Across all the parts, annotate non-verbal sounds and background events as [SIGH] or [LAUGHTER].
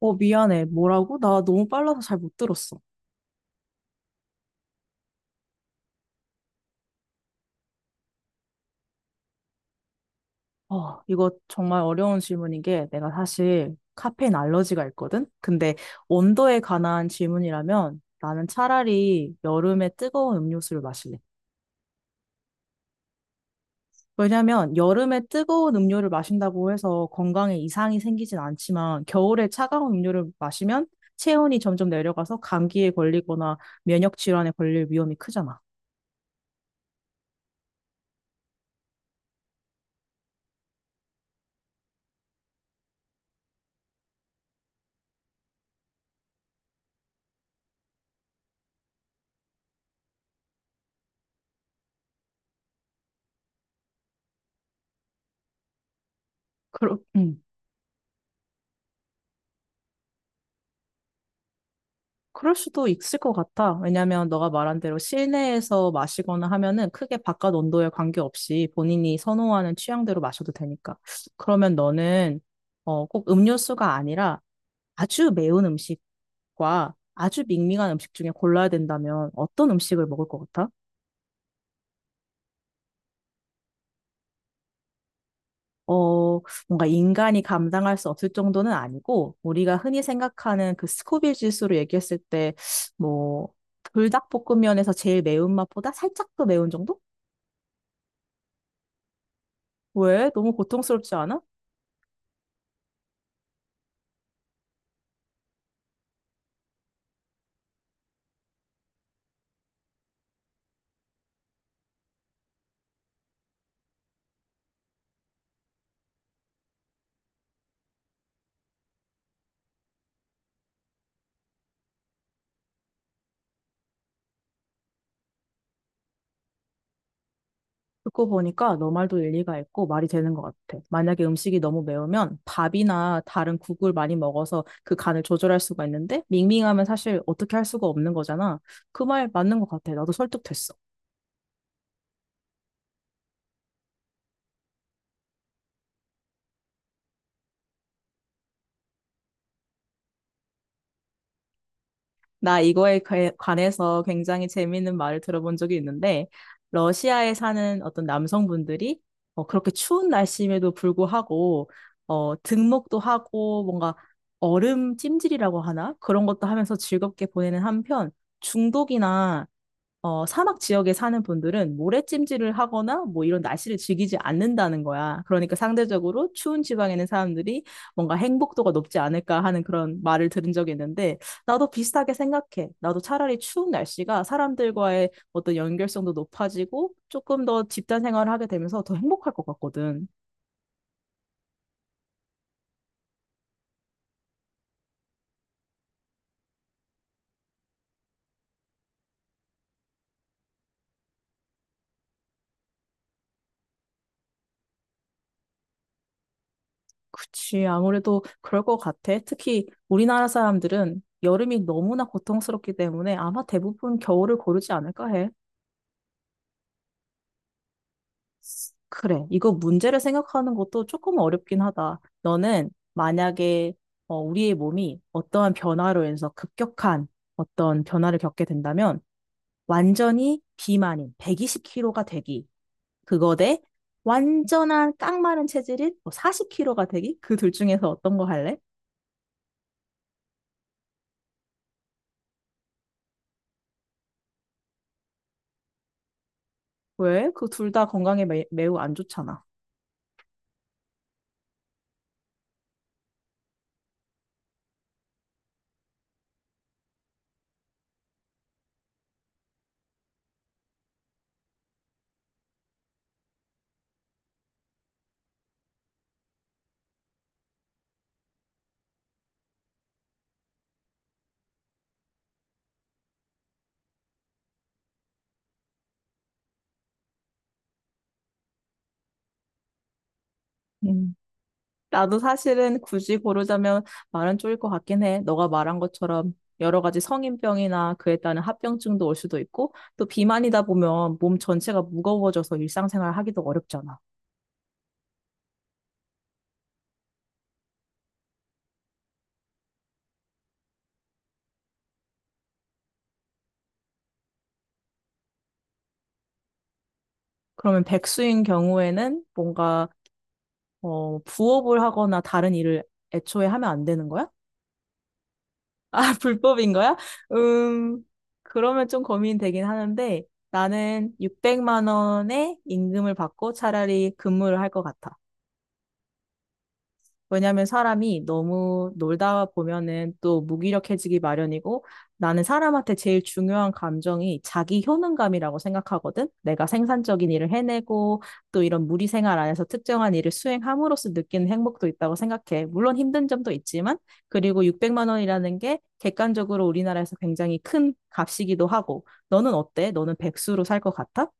미안해. 뭐라고? 나 너무 빨라서 잘 못 들었어. 이거 정말 어려운 질문인 게 내가 사실 카페인 알러지가 있거든? 근데 온도에 관한 질문이라면 나는 차라리 여름에 뜨거운 음료수를 마실래. 왜냐면 여름에 뜨거운 음료를 마신다고 해서 건강에 이상이 생기진 않지만 겨울에 차가운 음료를 마시면 체온이 점점 내려가서 감기에 걸리거나 면역 질환에 걸릴 위험이 크잖아. 그러, 음. 그럴 수도 있을 것 같아. 왜냐면 너가 말한 대로 실내에서 마시거나 하면은 크게 바깥 온도에 관계없이 본인이 선호하는 취향대로 마셔도 되니까. 그러면 너는 꼭 음료수가 아니라 아주 매운 음식과 아주 밍밍한 음식 중에 골라야 된다면 어떤 음식을 먹을 것 같아? 어, 뭔가 인간이 감당할 수 없을 정도는 아니고 우리가 흔히 생각하는 그 스코빌 지수로 얘기했을 때 뭐 불닭볶음면에서 제일 매운 맛보다 살짝 더 매운 정도? 왜? 너무 고통스럽지 않아? 듣고 보니까 너 말도 일리가 있고 말이 되는 것 같아. 만약에 음식이 너무 매우면 밥이나 다른 국을 많이 먹어서 그 간을 조절할 수가 있는데 밍밍하면 사실 어떻게 할 수가 없는 거잖아. 그 말 맞는 것 같아. 나도 설득됐어. 나 관해서 굉장히 재미있는 말을 들어본 적이 있는데, 러시아에 사는 어떤 남성분들이 그렇게 추운 날씨임에도 불구하고, 등목도 하고, 뭔가 얼음 찜질이라고 하나? 그런 것도 하면서 즐겁게 보내는 한편, 중독이나 사막 지역에 사는 분들은 모래찜질을 하거나 뭐 이런 날씨를 즐기지 않는다는 거야. 그러니까 상대적으로 추운 지방에 있는 사람들이 뭔가 행복도가 높지 않을까 하는 그런 말을 들은 적이 있는데 나도 비슷하게 생각해. 나도 차라리 추운 날씨가 사람들과의 어떤 연결성도 높아지고 조금 더 집단 생활을 하게 되면서 더 행복할 것 같거든. 그치, 아무래도 그럴 것 같아. 특히 우리나라 사람들은 여름이 너무나 고통스럽기 때문에 아마 대부분 겨울을 고르지 않을까 해. 그래. 이거 문제를 생각하는 것도 조금 어렵긴 하다. 너는 만약에 우리의 몸이 어떠한 변화로 인해서 급격한 어떤 변화를 겪게 된다면 완전히 비만인 120kg가 되기. 그거 대 완전한 깡마른 체질인 40kg가 되기. 그 둘 중에서 어떤 거 할래? 왜? 그 둘 다 건강에 매우 안 좋잖아. 나도 사실은 굳이 고르자면 말은 쪼일 것 같긴 해. 너가 말한 것처럼 여러 가지 성인병이나 그에 따른 합병증도 올 수도 있고, 또 비만이다 보면 몸 전체가 무거워져서 일상생활 하기도 어렵잖아. 그러면 백수인 경우에는 뭔가, 부업을 하거나 다른 일을 애초에 하면 안 되는 거야? [LAUGHS] 아, 불법인 거야? 음, 그러면 좀 고민되긴 하는데, 나는 600만 원의 임금을 받고 차라리 근무를 할 것 같아. 왜냐하면 사람이 너무 놀다 보면은 또 무기력해지기 마련이고 나는 사람한테 제일 중요한 감정이 자기 효능감이라고 생각하거든. 내가 생산적인 일을 해내고 또 이런 무리 생활 안에서 특정한 일을 수행함으로써 느끼는 행복도 있다고 생각해. 물론 힘든 점도 있지만 그리고 600만 원이라는 게 객관적으로 우리나라에서 굉장히 큰 값이기도 하고 너는 어때? 너는 백수로 살 것 같아?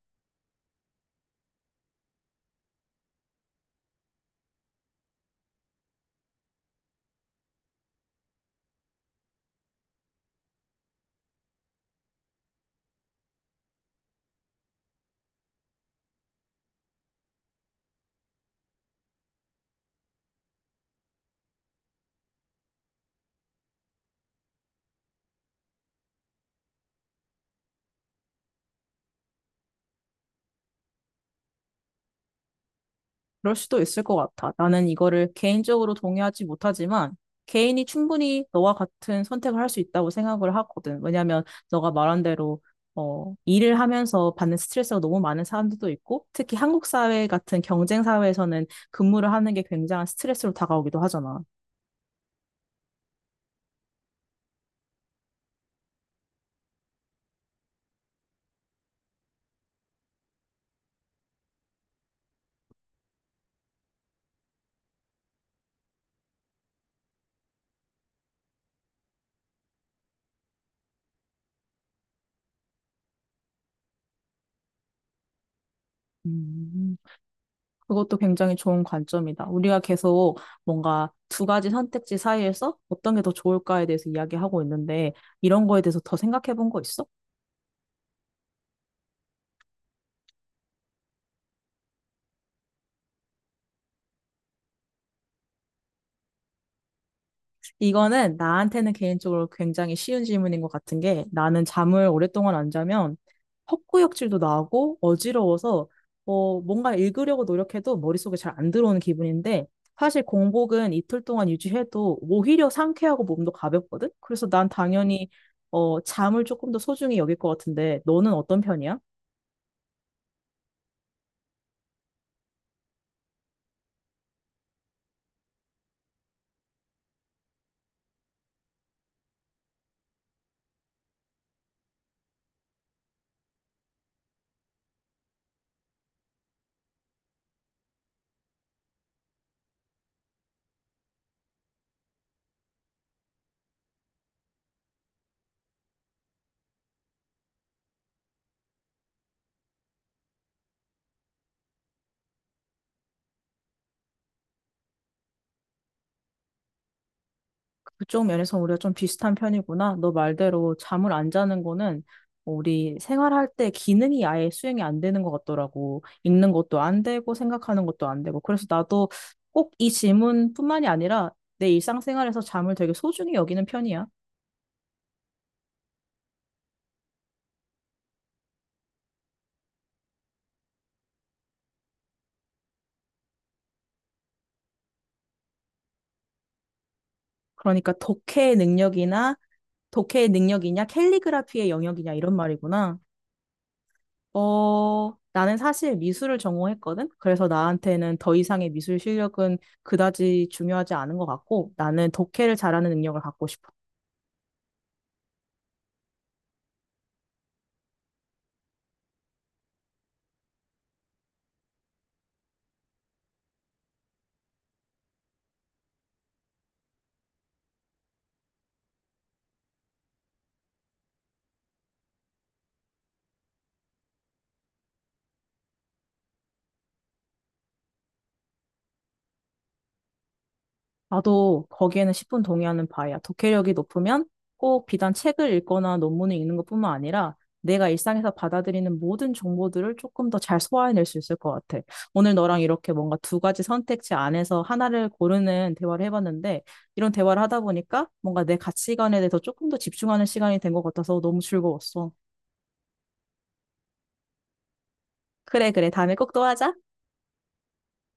그럴 수도 있을 것 같아. 나는 이거를 개인적으로 동의하지 못하지만 개인이 충분히 너와 같은 선택을 할 수 있다고 생각을 하거든. 왜냐하면 너가 말한 대로 일을 하면서 받는 스트레스가 너무 많은 사람들도 있고 특히 한국 사회 같은 경쟁 사회에서는 근무를 하는 게 굉장한 스트레스로 다가오기도 하잖아. 음, 그것도 굉장히 좋은 관점이다. 우리가 계속 뭔가 두 가지 선택지 사이에서 어떤 게 더 좋을까에 대해서 이야기하고 있는데 이런 거에 대해서 더 생각해 본 거 있어? 이거는 나한테는 개인적으로 굉장히 쉬운 질문인 것 같은 게 나는 잠을 오랫동안 안 자면 헛구역질도 나고 어지러워서 뭔가 읽으려고 노력해도 머릿속에 잘 안 들어오는 기분인데 사실 공복은 이틀 동안 유지해도 오히려 상쾌하고 몸도 가볍거든? 그래서 난 당연히 잠을 조금 더 소중히 여길 것 같은데 너는 어떤 편이야? 그쪽 면에서 우리가 좀 비슷한 편이구나. 너 말대로 잠을 안 자는 거는 우리 생활할 때 기능이 아예 수행이 안 되는 것 같더라고. 읽는 것도 안 되고 생각하는 것도 안 되고. 그래서 나도 꼭 이 질문뿐만이 아니라 내 일상생활에서 잠을 되게 소중히 여기는 편이야. 그러니까 독해의 능력이나 독해의 능력이냐 캘리그라피의 영역이냐 이런 말이구나. 나는 사실 미술을 전공했거든? 그래서 나한테는 더 이상의 미술 실력은 그다지 중요하지 않은 것 같고, 나는 독해를 잘하는 능력을 갖고 싶어. 나도 거기에는 10분 동의하는 바야. 독해력이 높으면 꼭 비단 책을 읽거나 논문을 읽는 것뿐만 아니라 내가 일상에서 받아들이는 모든 정보들을 조금 더 잘 소화해낼 수 있을 것 같아. 오늘 너랑 이렇게 뭔가 두 가지 선택지 안에서 하나를 고르는 대화를 해봤는데 이런 대화를 하다 보니까 뭔가 내 가치관에 대해서 조금 더 집중하는 시간이 된 것 같아서 너무 즐거웠어. 그래, 그래. 다음에 꼭 또 하자.